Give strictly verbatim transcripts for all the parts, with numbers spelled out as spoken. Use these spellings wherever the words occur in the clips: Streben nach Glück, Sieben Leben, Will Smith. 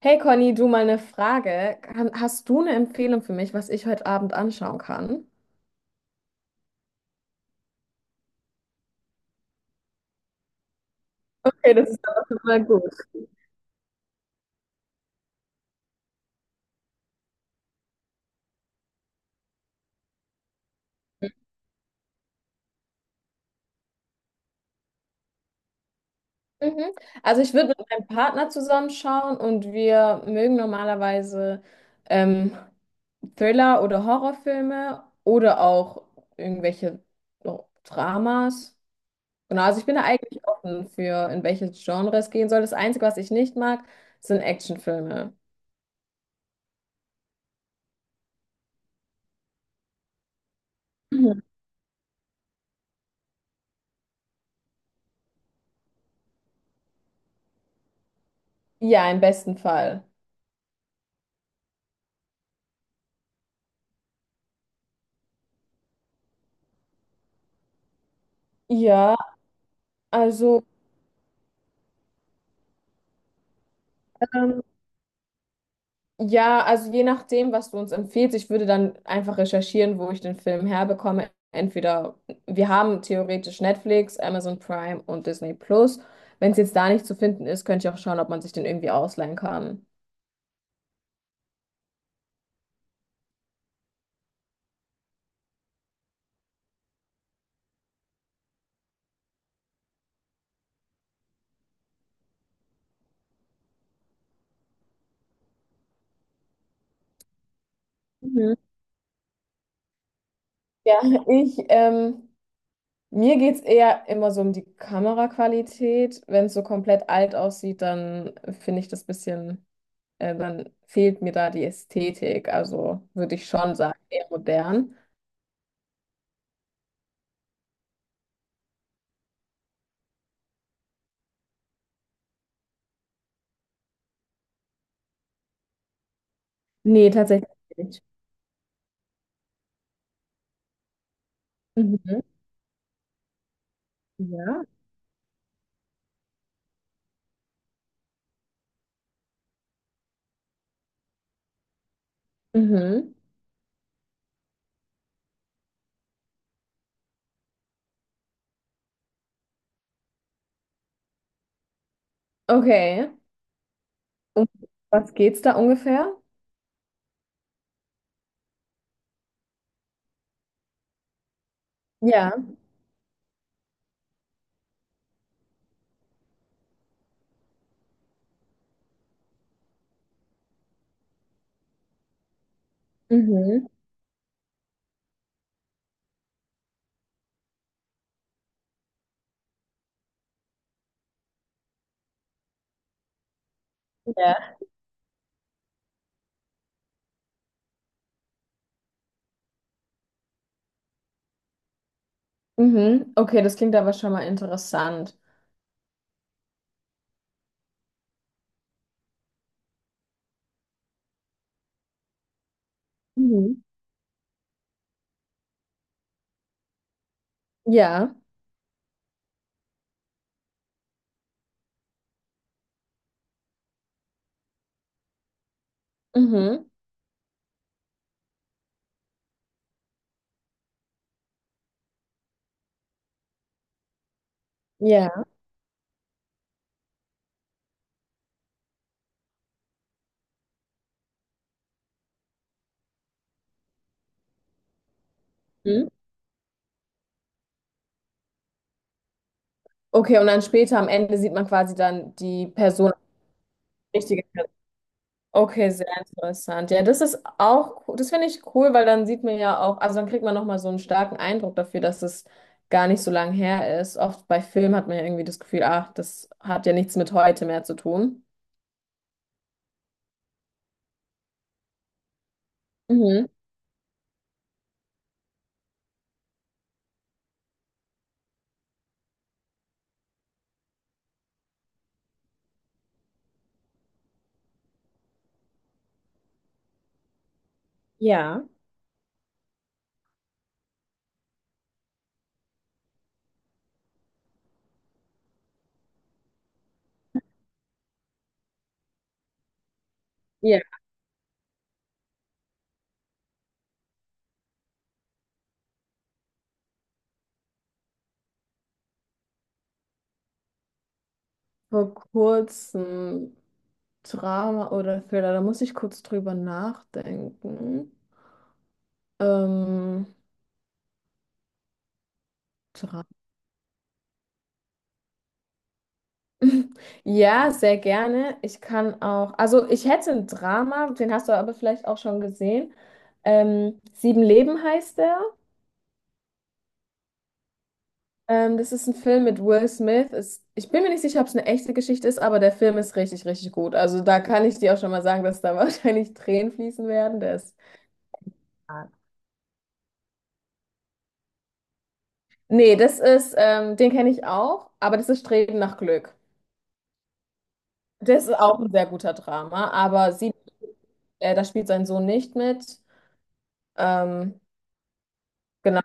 Hey Conny, du mal eine Frage. Kann- Hast du eine Empfehlung für mich, was ich heute Abend anschauen kann? Okay, das ist aber schon mal gut. Mhm. Also ich würde mit meinem Partner zusammenschauen und wir mögen normalerweise ähm, Thriller oder Horrorfilme oder auch irgendwelche so, Dramas. Genau, also ich bin da eigentlich offen für, in welche Genre es gehen soll. Das Einzige, was ich nicht mag, sind Actionfilme. Mhm. Ja, im besten Fall. Ja, also. ähm, Ja, also je nachdem, was du uns empfiehlst, ich würde dann einfach recherchieren, wo ich den Film herbekomme. Entweder wir haben theoretisch Netflix, Amazon Prime und Disney Plus. Wenn es jetzt da nicht zu finden ist, könnte ich auch schauen, ob man sich den irgendwie ausleihen kann. Mhm. Ja, ich, ähm, mir geht es eher immer so um die Kameraqualität. Wenn es so komplett alt aussieht, dann finde ich das bisschen, äh, dann fehlt mir da die Ästhetik. Also würde ich schon sagen, eher modern. Nee, tatsächlich nicht. Mhm. Ja. Mhm. Okay. Um was geht's da ungefähr? Ja. Mhm. Ja. Mhm. Okay, das klingt aber schon mal interessant. Mhm. Ja. Mhm. Ja. Mhm. Okay, und dann später am Ende sieht man quasi dann die Person, die richtige Person. Okay, sehr interessant. Ja, das ist auch, co- das finde ich cool, weil dann sieht man ja auch, also dann kriegt man nochmal so einen starken Eindruck dafür, dass es gar nicht so lange her ist. Oft bei Filmen hat man ja irgendwie das Gefühl, ach, das hat ja nichts mit heute mehr zu tun. Mhm. Ja, Ja. Vor kurzem Drama oder Thriller, da muss ich kurz drüber nachdenken. Ähm, Dra Ja, sehr gerne. Ich kann auch, also ich hätte ein Drama, den hast du aber vielleicht auch schon gesehen. Ähm, Sieben Leben heißt der. Ähm, das ist ein Film mit Will Smith. Ist, ich bin mir nicht sicher, ob es eine echte Geschichte ist, aber der Film ist richtig, richtig gut. Also da kann ich dir auch schon mal sagen, dass da wahrscheinlich Tränen fließen werden. Der ist Nee, das ist, ähm, den kenne ich auch, aber das ist Streben nach Glück. Das ist auch ein sehr guter Drama, aber sie, äh, da spielt sein Sohn nicht mit. Ähm, genau.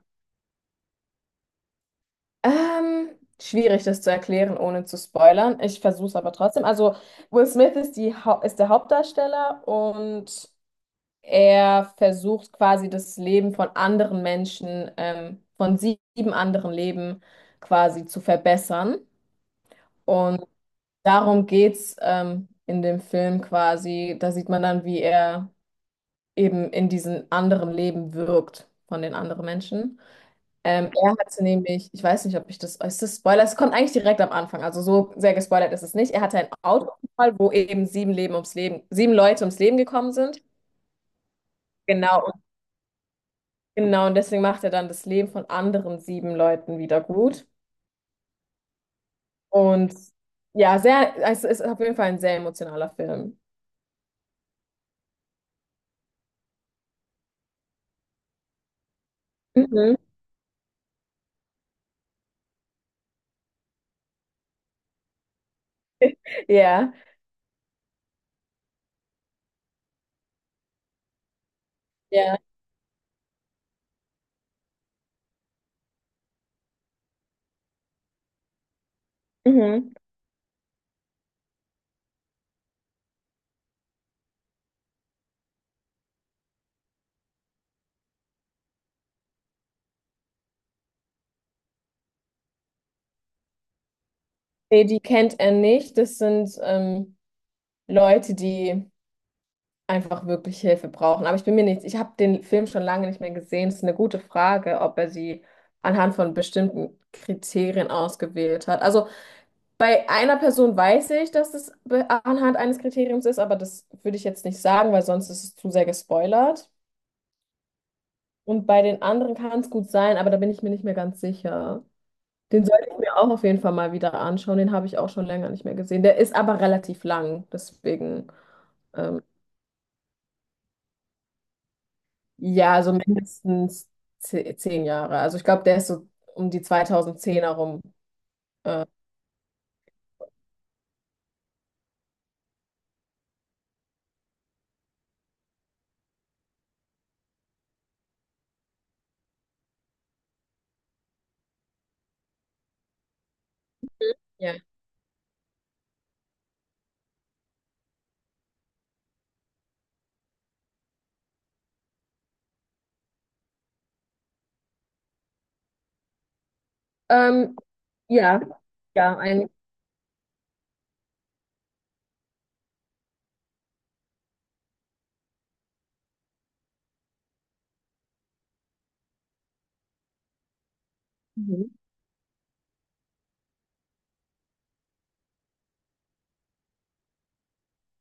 Ähm, schwierig, das zu erklären, ohne zu spoilern. Ich versuche es aber trotzdem. Also, Will Smith ist die, Hau- ist der Hauptdarsteller und er versucht quasi das Leben von anderen Menschen, ähm, von sieben anderen Leben quasi zu verbessern. Und darum geht's ähm, in dem Film quasi. Da sieht man dann, wie er eben in diesen anderen Leben wirkt von den anderen Menschen. Ähm, er hatte nämlich, ich weiß nicht, ob ich das, ist das Spoiler? Es kommt eigentlich direkt am Anfang, also so sehr gespoilert ist es nicht. Er hatte einen Autounfall, wo eben sieben Leben ums Leben, sieben Leute ums Leben gekommen sind. Genau, und- genau. Und deswegen macht er dann das Leben von anderen sieben Leuten wieder gut. Und ja, sehr, es ist auf jeden Fall ein sehr emotionaler Film. Mhm. Ja, ja. Mhm. Nee, die kennt er nicht. Das sind ähm, Leute, die einfach wirklich Hilfe brauchen. Aber ich bin mir nicht, ich habe den Film schon lange nicht mehr gesehen. Es ist eine gute Frage, ob er sie anhand von bestimmten Kriterien ausgewählt hat. Also bei einer Person weiß ich, dass es be- anhand eines Kriteriums ist, aber das würde ich jetzt nicht sagen, weil sonst ist es zu sehr gespoilert. Und bei den anderen kann es gut sein, aber da bin ich mir nicht mehr ganz sicher. Den sollte ich mir auch auf jeden Fall mal wieder anschauen. Den habe ich auch schon länger nicht mehr gesehen. Der ist aber relativ lang, deswegen ähm, ja, so mindestens ze- zehn Jahre. Also ich glaube, der ist so um die zwanzigzehner rum. Ja. Ähm, ja, ja, ein. Mhm.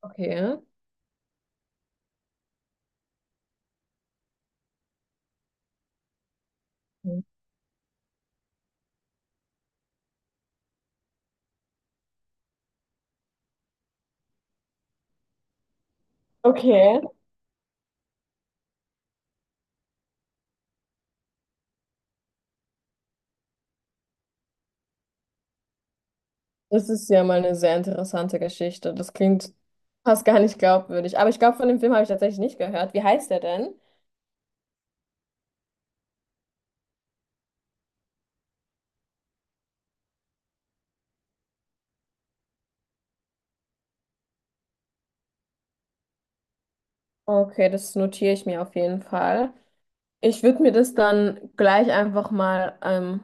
Okay. Okay. Das ist ja mal eine sehr interessante Geschichte. Das klingt fast gar nicht glaubwürdig. Aber ich glaube, von dem Film habe ich tatsächlich nicht gehört. Wie heißt der denn? Okay, das notiere ich mir auf jeden Fall. Ich würde mir das dann gleich einfach mal, ähm,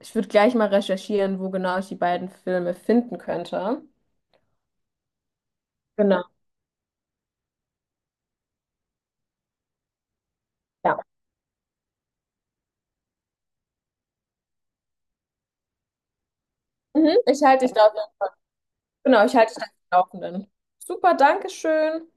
ich würde gleich mal recherchieren, wo genau ich die beiden Filme finden könnte. Genau. Ja. Mhm, ich halte dich da auf, genau, ich halte dich da auf den Laufenden. Super, Dankeschön.